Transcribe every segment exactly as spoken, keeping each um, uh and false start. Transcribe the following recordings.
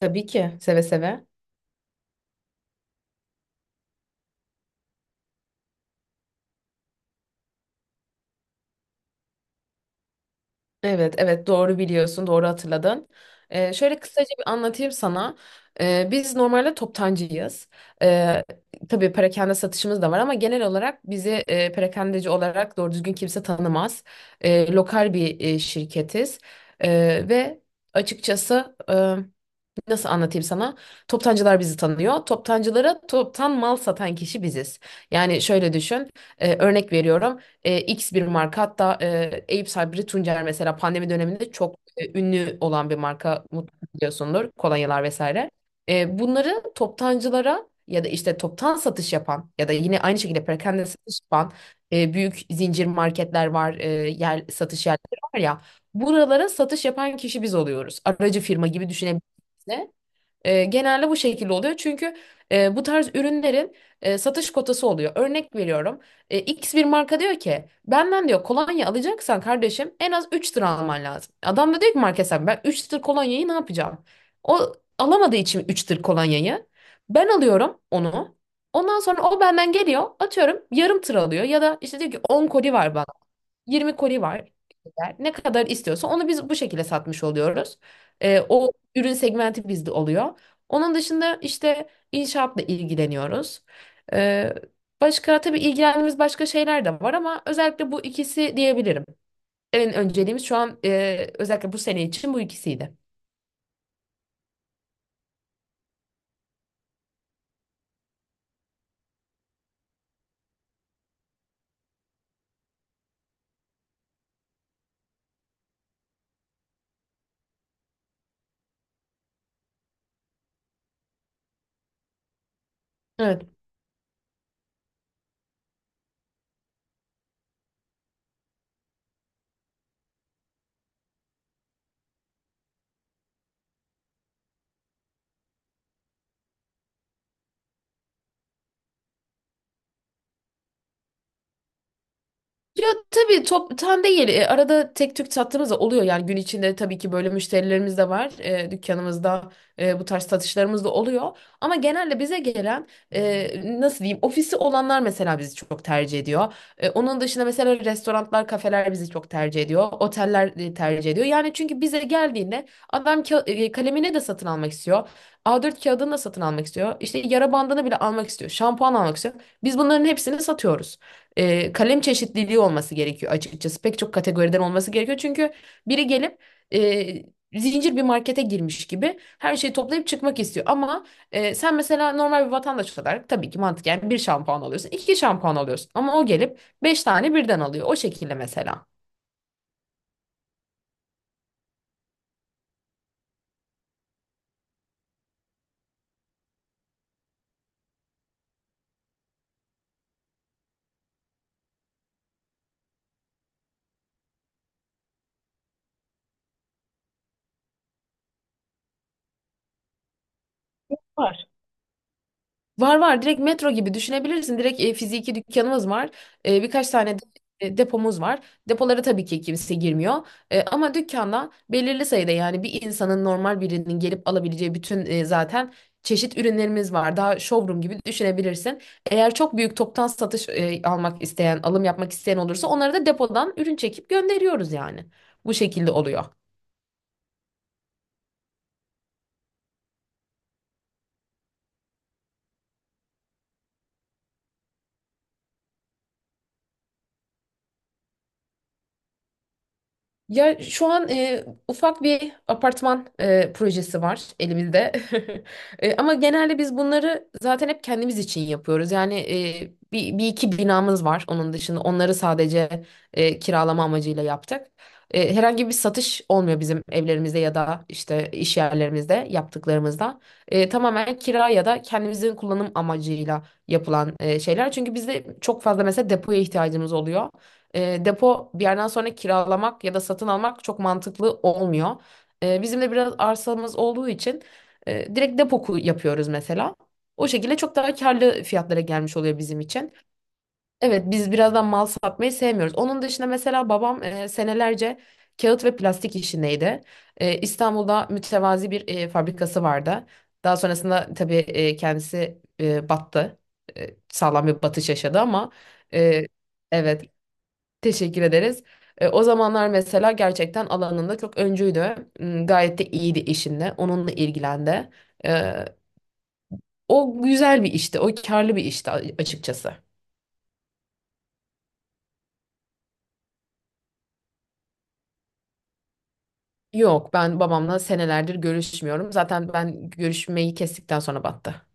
Tabii ki seve seve. Evet, evet, doğru biliyorsun, doğru hatırladın. Ee, şöyle kısaca bir anlatayım sana. Ee, biz normalde toptancıyız. Ee, tabii perakende satışımız da var ama genel olarak bizi e, perakendeci olarak doğru düzgün kimse tanımaz. Ee, lokal bir e, şirketiz. Ee, ve açıkçası, nasıl anlatayım sana? Toptancılar bizi tanıyor. Toptancılara toptan mal satan kişi biziz. Yani şöyle düşün. E, örnek veriyorum. e, X bir marka, hatta e, Eyüp Sabri Tuncer, mesela pandemi döneminde çok e, ünlü olan bir marka, mutlaka biliyorsundur. Kolonyalar vesaire. E, bunları toptancılara ya da işte toptan satış yapan ya da yine aynı şekilde perakende satış yapan e, büyük zincir marketler var. E, yer satış yerleri var ya. Buralara satış yapan kişi biz oluyoruz. Aracı firma gibi düşünebiliriz. E, genelde bu şekilde oluyor. Çünkü e, bu tarz ürünlerin e, satış kotası oluyor. Örnek veriyorum. E, X bir marka diyor ki, benden diyor kolonya alacaksan kardeşim en az üç tır alman lazım. Adam da diyor ki, market sahibi, ben üç tır kolonyayı ne yapacağım? O alamadığı için üç tır kolonyayı ben alıyorum onu. Ondan sonra o benden geliyor, atıyorum yarım tır alıyor ya da işte diyor ki on koli var bana. yirmi koli var. Ne kadar istiyorsa onu biz bu şekilde satmış oluyoruz. Ee, o ürün segmenti bizde oluyor. Onun dışında işte inşaatla ilgileniyoruz. Ee, başka, tabii ilgilendiğimiz başka şeyler de var ama özellikle bu ikisi diyebilirim. En önceliğimiz şu an, e, özellikle bu sene için, bu ikisiydi. Evet. Ya tabii top toptan değil. E, Arada tek tük sattığımız da oluyor. Yani gün içinde tabii ki böyle müşterilerimiz de var. E, dükkanımızda e, bu tarz satışlarımız da oluyor. Ama genelde bize gelen, e, nasıl diyeyim, ofisi olanlar mesela bizi çok tercih ediyor. E, onun dışında mesela restoranlar, kafeler bizi çok tercih ediyor. Oteller e, tercih ediyor. Yani çünkü bize geldiğinde adam ka- e, kalemini de satın almak istiyor. a dört kağıdını da satın almak istiyor. İşte yara bandını bile almak istiyor. Şampuan almak istiyor. Biz bunların hepsini satıyoruz. E, kalem çeşitliliği olması gerekiyor açıkçası. Pek çok kategoriden olması gerekiyor. Çünkü biri gelip e, zincir bir markete girmiş gibi her şeyi toplayıp çıkmak istiyor. Ama e, sen mesela normal bir vatandaş olarak tabii ki mantıken bir şampuan alıyorsun, iki şampuan alıyorsun. Ama o gelip beş tane birden alıyor. O şekilde mesela. Var. Var, var, direkt metro gibi düşünebilirsin. Direkt e, fiziki dükkanımız var. E, birkaç tane de- e, depomuz var. Depolara tabii ki kimse girmiyor. E, ama dükkanda belirli sayıda, yani bir insanın, normal birinin gelip alabileceği bütün e, zaten çeşit ürünlerimiz var. Daha showroom gibi düşünebilirsin. Eğer çok büyük toptan satış e, almak isteyen, alım yapmak isteyen olursa, onları da depodan ürün çekip gönderiyoruz yani. Bu şekilde oluyor. Ya şu an e, ufak bir apartman e, projesi var elimizde. E, ama genelde biz bunları zaten hep kendimiz için yapıyoruz. Yani e, bir, bir iki binamız var onun dışında. Onları sadece e, kiralama amacıyla yaptık. E, herhangi bir satış olmuyor bizim evlerimizde ya da işte iş yerlerimizde yaptıklarımızda. E, tamamen kira ya da kendimizin kullanım amacıyla yapılan e, şeyler. Çünkü bizde çok fazla, mesela depoya ihtiyacımız oluyor. E, depo bir yerden sonra kiralamak ya da satın almak çok mantıklı olmuyor. E, bizim de biraz arsamız olduğu için e, direkt depo ku- yapıyoruz mesela. O şekilde çok daha karlı fiyatlara gelmiş oluyor bizim için. Evet, biz birazdan mal satmayı sevmiyoruz. Onun dışında mesela babam e, senelerce kağıt ve plastik işindeydi. E, İstanbul'da mütevazi bir e, fabrikası vardı. Daha sonrasında tabii e, kendisi e, battı. E, sağlam bir batış yaşadı ama, e, evet. Teşekkür ederiz. E, o zamanlar mesela gerçekten alanında çok öncüydü. M, Gayet de iyiydi işinde. Onunla ilgilendi. E, o güzel bir işti. O karlı bir işti a- açıkçası. Yok, ben babamla senelerdir görüşmüyorum. Zaten ben görüşmeyi kestikten sonra battı.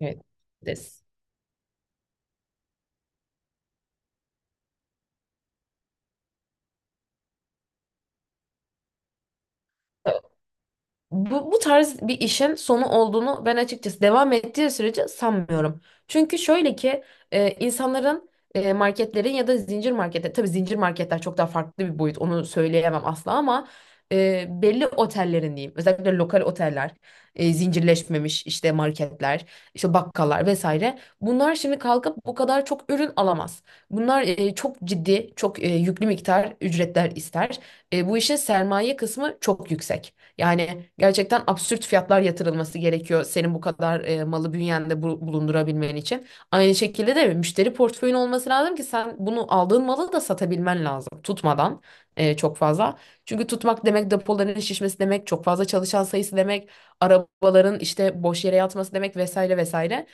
Evet. Des. Bu, bu tarz bir işin sonu olduğunu ben açıkçası devam ettiği sürece sanmıyorum. Çünkü şöyle ki, e, insanların, e, marketlerin ya da zincir marketler, tabii zincir marketler çok daha farklı bir boyut, onu söyleyemem asla, ama e, belli otellerin diyeyim, özellikle lokal oteller, e, zincirleşmemiş işte marketler, işte bakkallar vesaire, bunlar şimdi kalkıp bu kadar çok ürün alamaz. Bunlar e, çok ciddi, çok e, yüklü miktar ücretler ister. E, bu işin sermaye kısmı çok yüksek. Yani gerçekten absürt fiyatlar yatırılması gerekiyor senin bu kadar e, malı bünyende bu- bulundurabilmen için. Aynı şekilde de müşteri portföyün olması lazım ki sen bunu, aldığın malı da satabilmen lazım, tutmadan e, çok fazla. Çünkü tutmak demek depoların şişmesi demek, çok fazla çalışan sayısı demek, arabaların işte boş yere yatması demek, vesaire vesaire.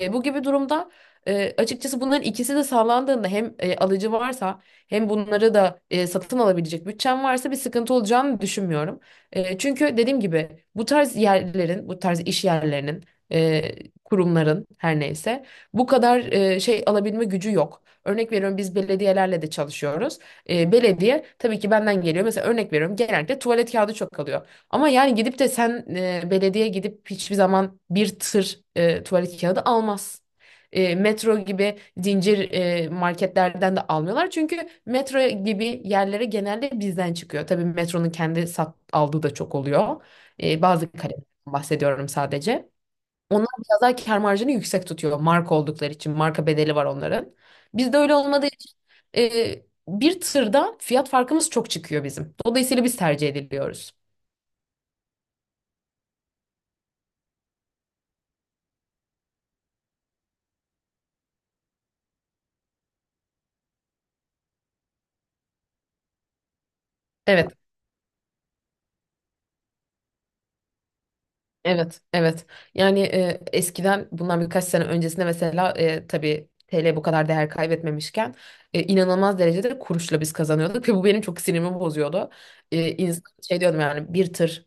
E, bu gibi durumda, e, açıkçası bunların ikisi de sağlandığında, hem e, alıcı varsa hem bunları da e, satın alabilecek bütçen varsa, bir sıkıntı olacağını düşünmüyorum. E, çünkü dediğim gibi bu tarz yerlerin, bu tarz iş yerlerinin, e, kurumların, her neyse, bu kadar e, şey alabilme gücü yok. Örnek veriyorum, biz belediyelerle de çalışıyoruz. E, belediye tabii ki benden geliyor. Mesela örnek veriyorum, genellikle tuvalet kağıdı çok alıyor. Ama yani gidip de sen, e, belediye gidip hiçbir zaman bir tır e, tuvalet kağıdı almaz. E, metro gibi zincir e, marketlerden de almıyorlar. Çünkü metro gibi yerlere genelde bizden çıkıyor. Tabii metronun kendi sat aldığı da çok oluyor. E, bazı kalemlerden bahsediyorum sadece. Onlar biraz daha kâr marjını yüksek tutuyor marka oldukları için. Marka bedeli var onların. Bizde öyle olmadığı için e, bir tırda fiyat farkımız çok çıkıyor bizim. Dolayısıyla biz tercih ediliyoruz. Evet, evet, evet. Yani e, eskiden, bundan birkaç sene öncesinde mesela, e, tabii T L bu kadar değer kaybetmemişken e, inanılmaz derecede kuruşla biz kazanıyorduk ve bu benim çok sinirimi bozuyordu. E, insan şey diyordum, yani bir tır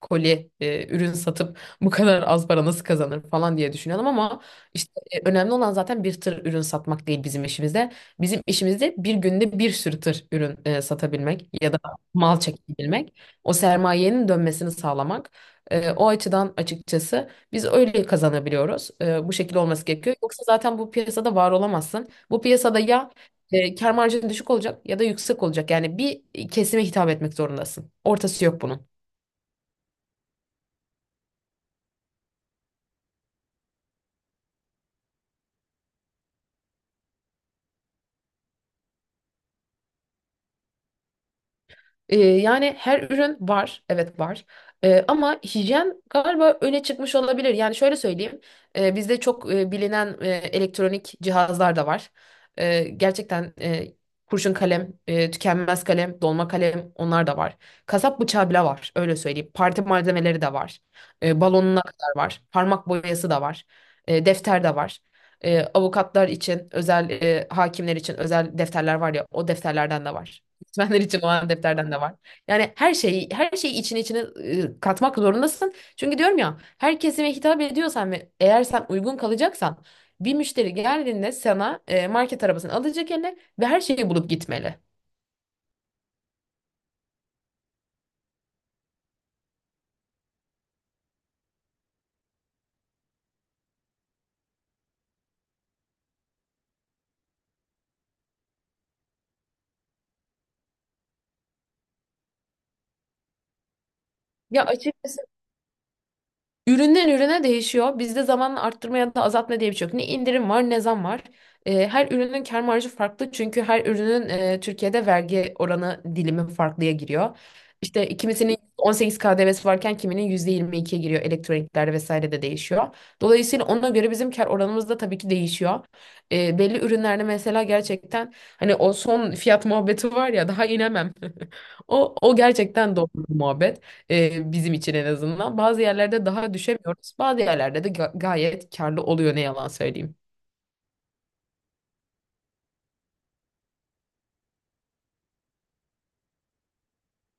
koli e, ürün satıp bu kadar az para nasıl kazanır falan diye düşünüyordum, ama işte e, önemli olan zaten bir tır ürün satmak değil bizim işimizde. Bizim işimizde bir günde bir sürü tır ürün e, satabilmek ya da mal çekebilmek, o sermayenin dönmesini sağlamak. E, o açıdan açıkçası biz öyle kazanabiliyoruz. E, bu şekilde olması gerekiyor. Yoksa zaten bu piyasada var olamazsın. Bu piyasada ya e, kâr marjın düşük olacak ya da yüksek olacak. Yani bir kesime hitap etmek zorundasın. Ortası yok bunun. Ee, yani her ürün var, evet var. Ee, ama hijyen galiba öne çıkmış olabilir. Yani şöyle söyleyeyim, e, bizde çok e, bilinen e, elektronik cihazlar da var. E, gerçekten e, kurşun kalem, e, tükenmez kalem, dolma kalem, onlar da var. Kasap bıçağı bile var, öyle söyleyeyim. Parti malzemeleri de var. E, balonuna kadar var. Parmak boyası da var. E, defter de var. E, avukatlar için özel, e, hakimler için özel defterler var ya, o defterlerden de var. Öğretmenler için olan defterden de var. Yani her şeyi, her şeyi içine içine e, katmak zorundasın. Çünkü diyorum ya, her kesime hitap ediyorsan ve eğer sen uygun kalacaksan, bir müşteri geldiğinde sana, e, market arabasını alacak eline ve her şeyi bulup gitmeli. Ya açıkçası, üründen ürüne değişiyor. Bizde zamanla arttırma ya da azaltma diye bir şey yok. Ne indirim var ne zam var. Ee, her ürünün kâr marjı farklı. Çünkü her ürünün e, Türkiye'de vergi oranı dilimi farklıya giriyor. İşte kimisinin on sekiz ka de ve'si varken kiminin yüzde yirmi ikiye giriyor. Elektroniklerde vesaire de değişiyor. Dolayısıyla ona göre bizim kâr oranımız da tabii ki değişiyor. Ee, belli ürünlerde mesela, gerçekten hani o son fiyat muhabbeti var ya, daha inemem. O, o gerçekten doğru bir muhabbet. Ee, bizim için en azından. Bazı yerlerde daha düşemiyoruz. Bazı yerlerde de ga- gayet karlı oluyor, ne yalan söyleyeyim.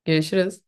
Görüşürüz.